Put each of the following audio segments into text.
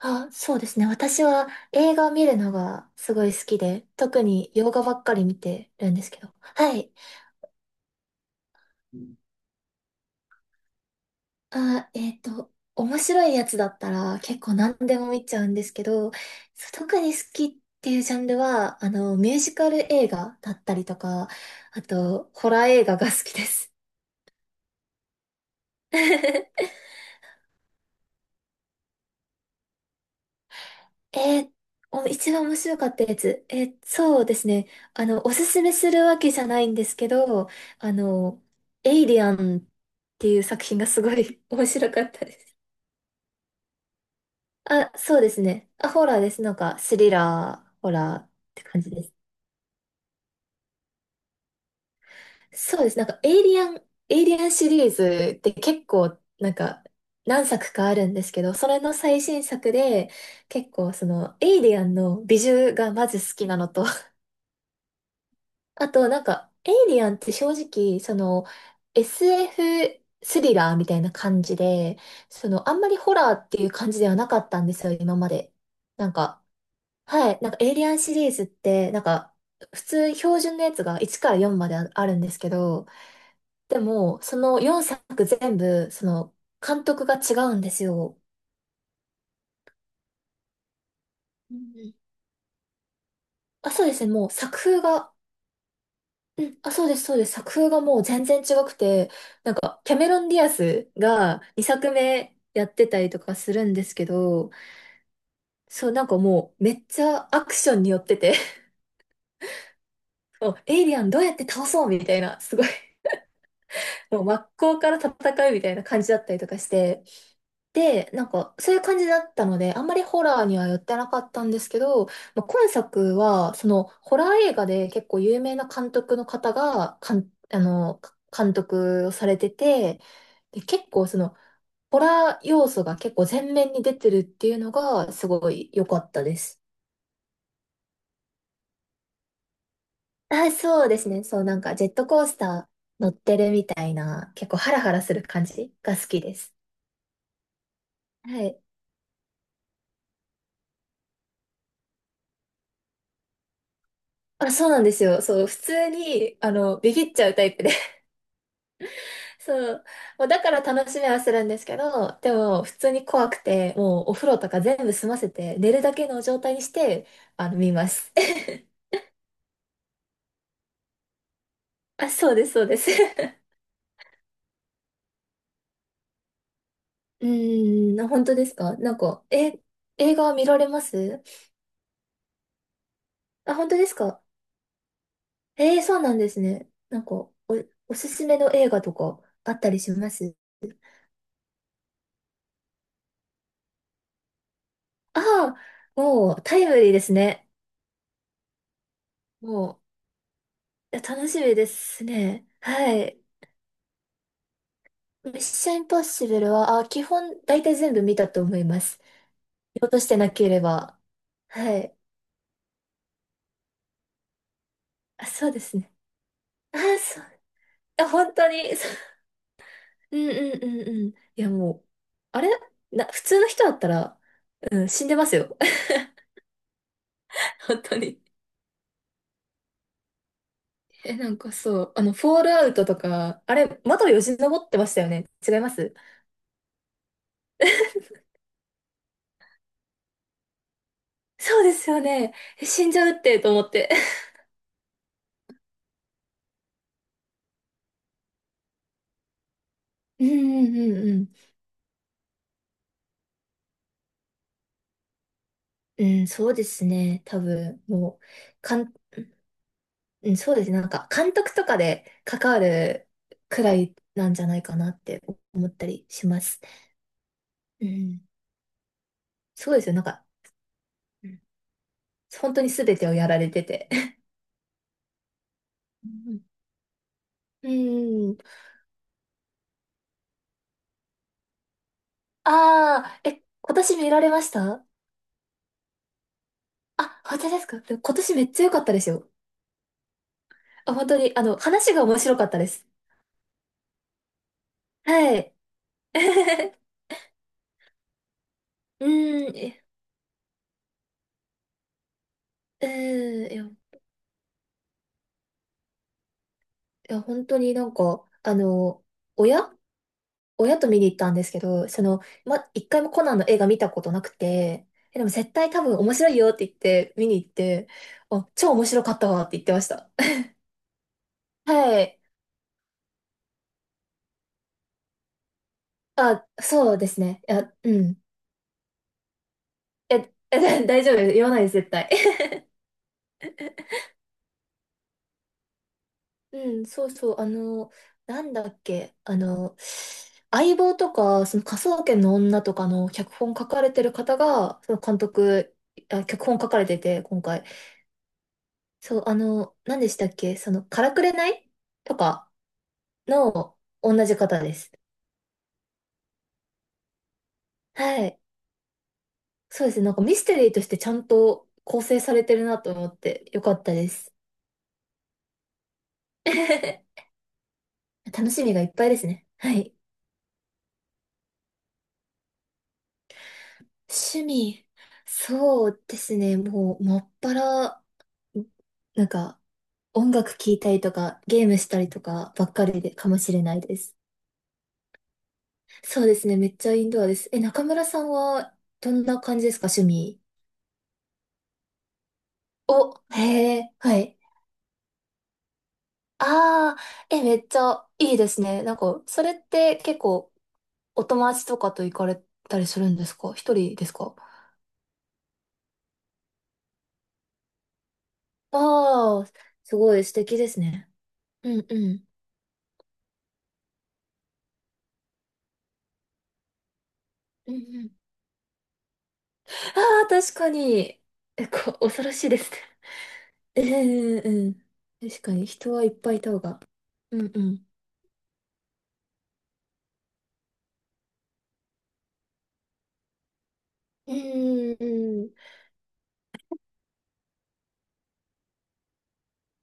あ、そうですね。私は映画を見るのがすごい好きで、特に洋画ばっかり見てるんですけど。はい。あ、面白いやつだったら結構何でも見ちゃうんですけど、特に好きっていうジャンルは、ミュージカル映画だったりとか、あと、ホラー映画が好きです。えーお一番面白かったやつ。そうですね。おすすめするわけじゃないんですけど、あの、エイリアンっていう作品がすごい 面白かったです。あ、そうですね。あ、ホラーです。なんか、スリラー、ホラーって感じです。そうです。なんか、エイリアンシリーズって結構、なんか、何作かあるんですけど、それの最新作で、結構、その、エイリアンの美術がまず好きなのと、あと、なんか、エイリアンって正直、その、SF スエフスリラーみたいな感じで、その、あんまりホラーっていう感じではなかったんですよ、今まで。なんか、はい、なんか、エイリアンシリーズって、なんか、普通、標準のやつが1から4までああるんですけど、でも、その4作全部、その、監督が違うんですよ。うんうん。あ、そうですね、もう作風が。うん、あ、そうです、そうです。作風がもう全然違くて、なんか、キャメロン・ディアスが2作目やってたりとかするんですけど、そう、なんかもうめっちゃアクションによってて、もうエイリアンどうやって倒そうみたいな、すごい、もう真っ向から戦うみたいな感じだったりとかして、で、なんか、そういう感じだったので、あんまりホラーには寄ってなかったんですけど、まあ、今作は、その、ホラー映画で結構有名な監督の方が、監督をされてて、で、結構その、ホラー要素が結構前面に出てるっていうのが、すごい良かったです。あ、そうですね。そう、なんかジェットコースター乗ってるみたいな、結構ハラハラする感じが好きです。はい。あ、そうなんですよ。そう、普通に、ビビっちゃうタイプで。そう。もうだから楽しみはするんですけど、でも、普通に怖くて、もうお風呂とか全部済ませて、寝るだけの状態にして、見ます。あ、そうです、そうです。うーん、あ、本当ですか？なんか、え、映画見られます？あ、本当ですか？そうなんですね。なんか、おすすめの映画とかあったりします？ああ、もうタイムリーですね。もう、いや楽しみですね。はい。ミッションインポッシブルは、あ、基本大体全部見たと思います。見落としてなければ。はい。あ、そうですね。あ、そう。あ、本当に。そう。うんうんうんうん。いや、もう、あれな、普通の人だったら、うん、死んでますよ。本当に。え、なんかそう、フォールアウトとか、あれ、窓よじ登ってましたよね。違います？ そうですよね。え、死んじゃうって、と思って。うんうんうんうん。うん、そうですね。多分、もう、かん、うん、そうですね。なんか、監督とかで関わるくらいなんじゃないかなって思ったりします。うん、そうですよ。なんか、うん、本当に全てをやられてて。うん、うん。ああ、え、今年見られました？あ、本当ですか？でも今年めっちゃ良かったですよ。あ、本当に、話が面白かったです。はい。うーん、え。うーん、いや、いや、本当になんか、親親と見に行ったんですけど、その、ま、一回もコナンの映画見たことなくて、え、でも絶対多分面白いよって言って見に行って、あ、超面白かったわって言ってました。はい。あ、そうですね。いや、うん。いや、いや、大丈夫です。言わないです、絶対。うん、そうそう、なんだっけ、相棒とか、その科捜研の女とかの脚本書かれてる方が、その監督、あ、脚本書かれてて、今回。そう、何でしたっけ、その、からくれないとかの同じ方です。はい。そうですね、なんかミステリーとしてちゃんと構成されてるなと思って、よかったです。楽しみがいっぱいですね。はい。趣味。そうですね。もう、もっぱらなんか、音楽聴いたりとか、ゲームしたりとかばっかりでかもしれないです。そうですね、めっちゃインドアです。え、中村さんはどんな感じですか、趣味。お、へえ、はい。ああ、え、めっちゃいいですね。なんか、それって結構お友達とかと行かれたりするんですか？一人ですか？ああー、すごい素敵ですね。うんうん。うんうん。ああ、確かに。え、こ恐ろしいですね。ええ、うん。確かに人はいっぱいいた方が。うんうん。うんうんうん。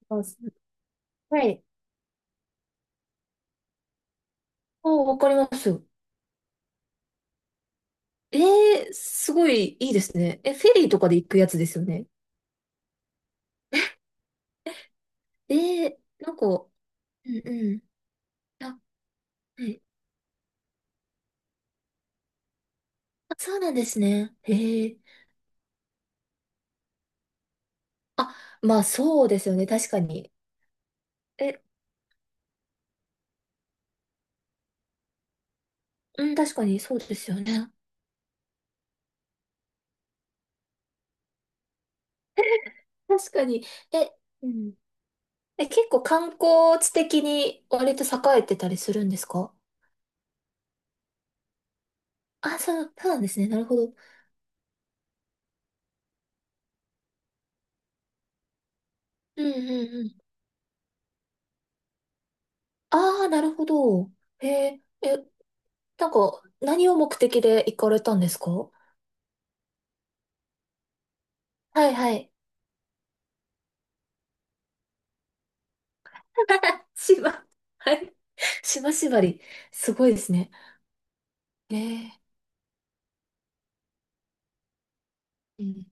あ、す、はい。あ、わかりますよ。ええ、すごいいいですね。え、フェリーとかで行くやつですよね。ええ、なんか、うんうん。あ、はい。あ、そうなんですね。ええ、あ、まあそうですよね。確かに。え、うん、確かにそうですよね。確かに。え、うん。え、結構観光地的に割と栄えてたりするんですか？あ、そう、そうなんですね。なるほど。うんうんうん。ああ、なるほど。へえ、え、なんか、何を目的で行かれたんですか？はいはい。島、はい。島縛り。すごいですね。ええ、うん。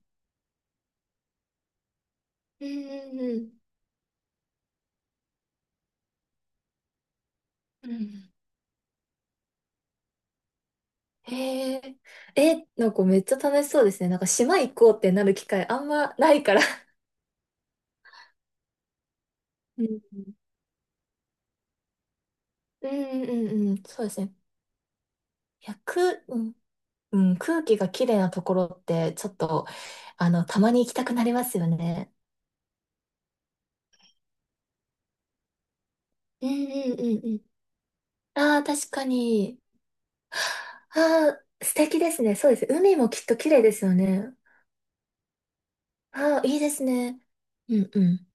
うんうんうん。うん。へえ、え、なんかめっちゃ楽しそうですね。なんか島行こうってなる機会あんまないから。うんうんうんうん、そうですね。1 0く、うんうん、空気がきれいなところって、ちょっと、たまに行きたくなりますよね。うんうんうんうん。ああ、確かに。ああ、素敵ですね。そうです。海もきっと綺麗ですよね。ああ、いいですね。うんうん。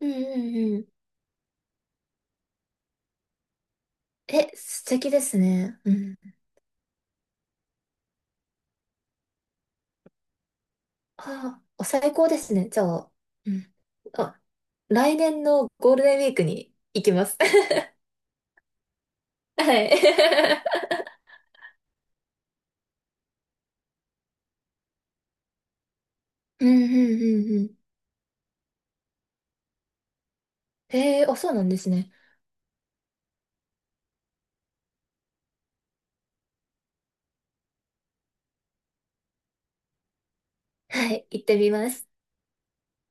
うんうんうん。え、素敵ですね。うん。ああ、お、最高ですね。じゃあ、うん。あ、来年のゴールデンウィークに行きます。はい。うんうんうんうん。あ、そうなんですね。はい、行ってみます。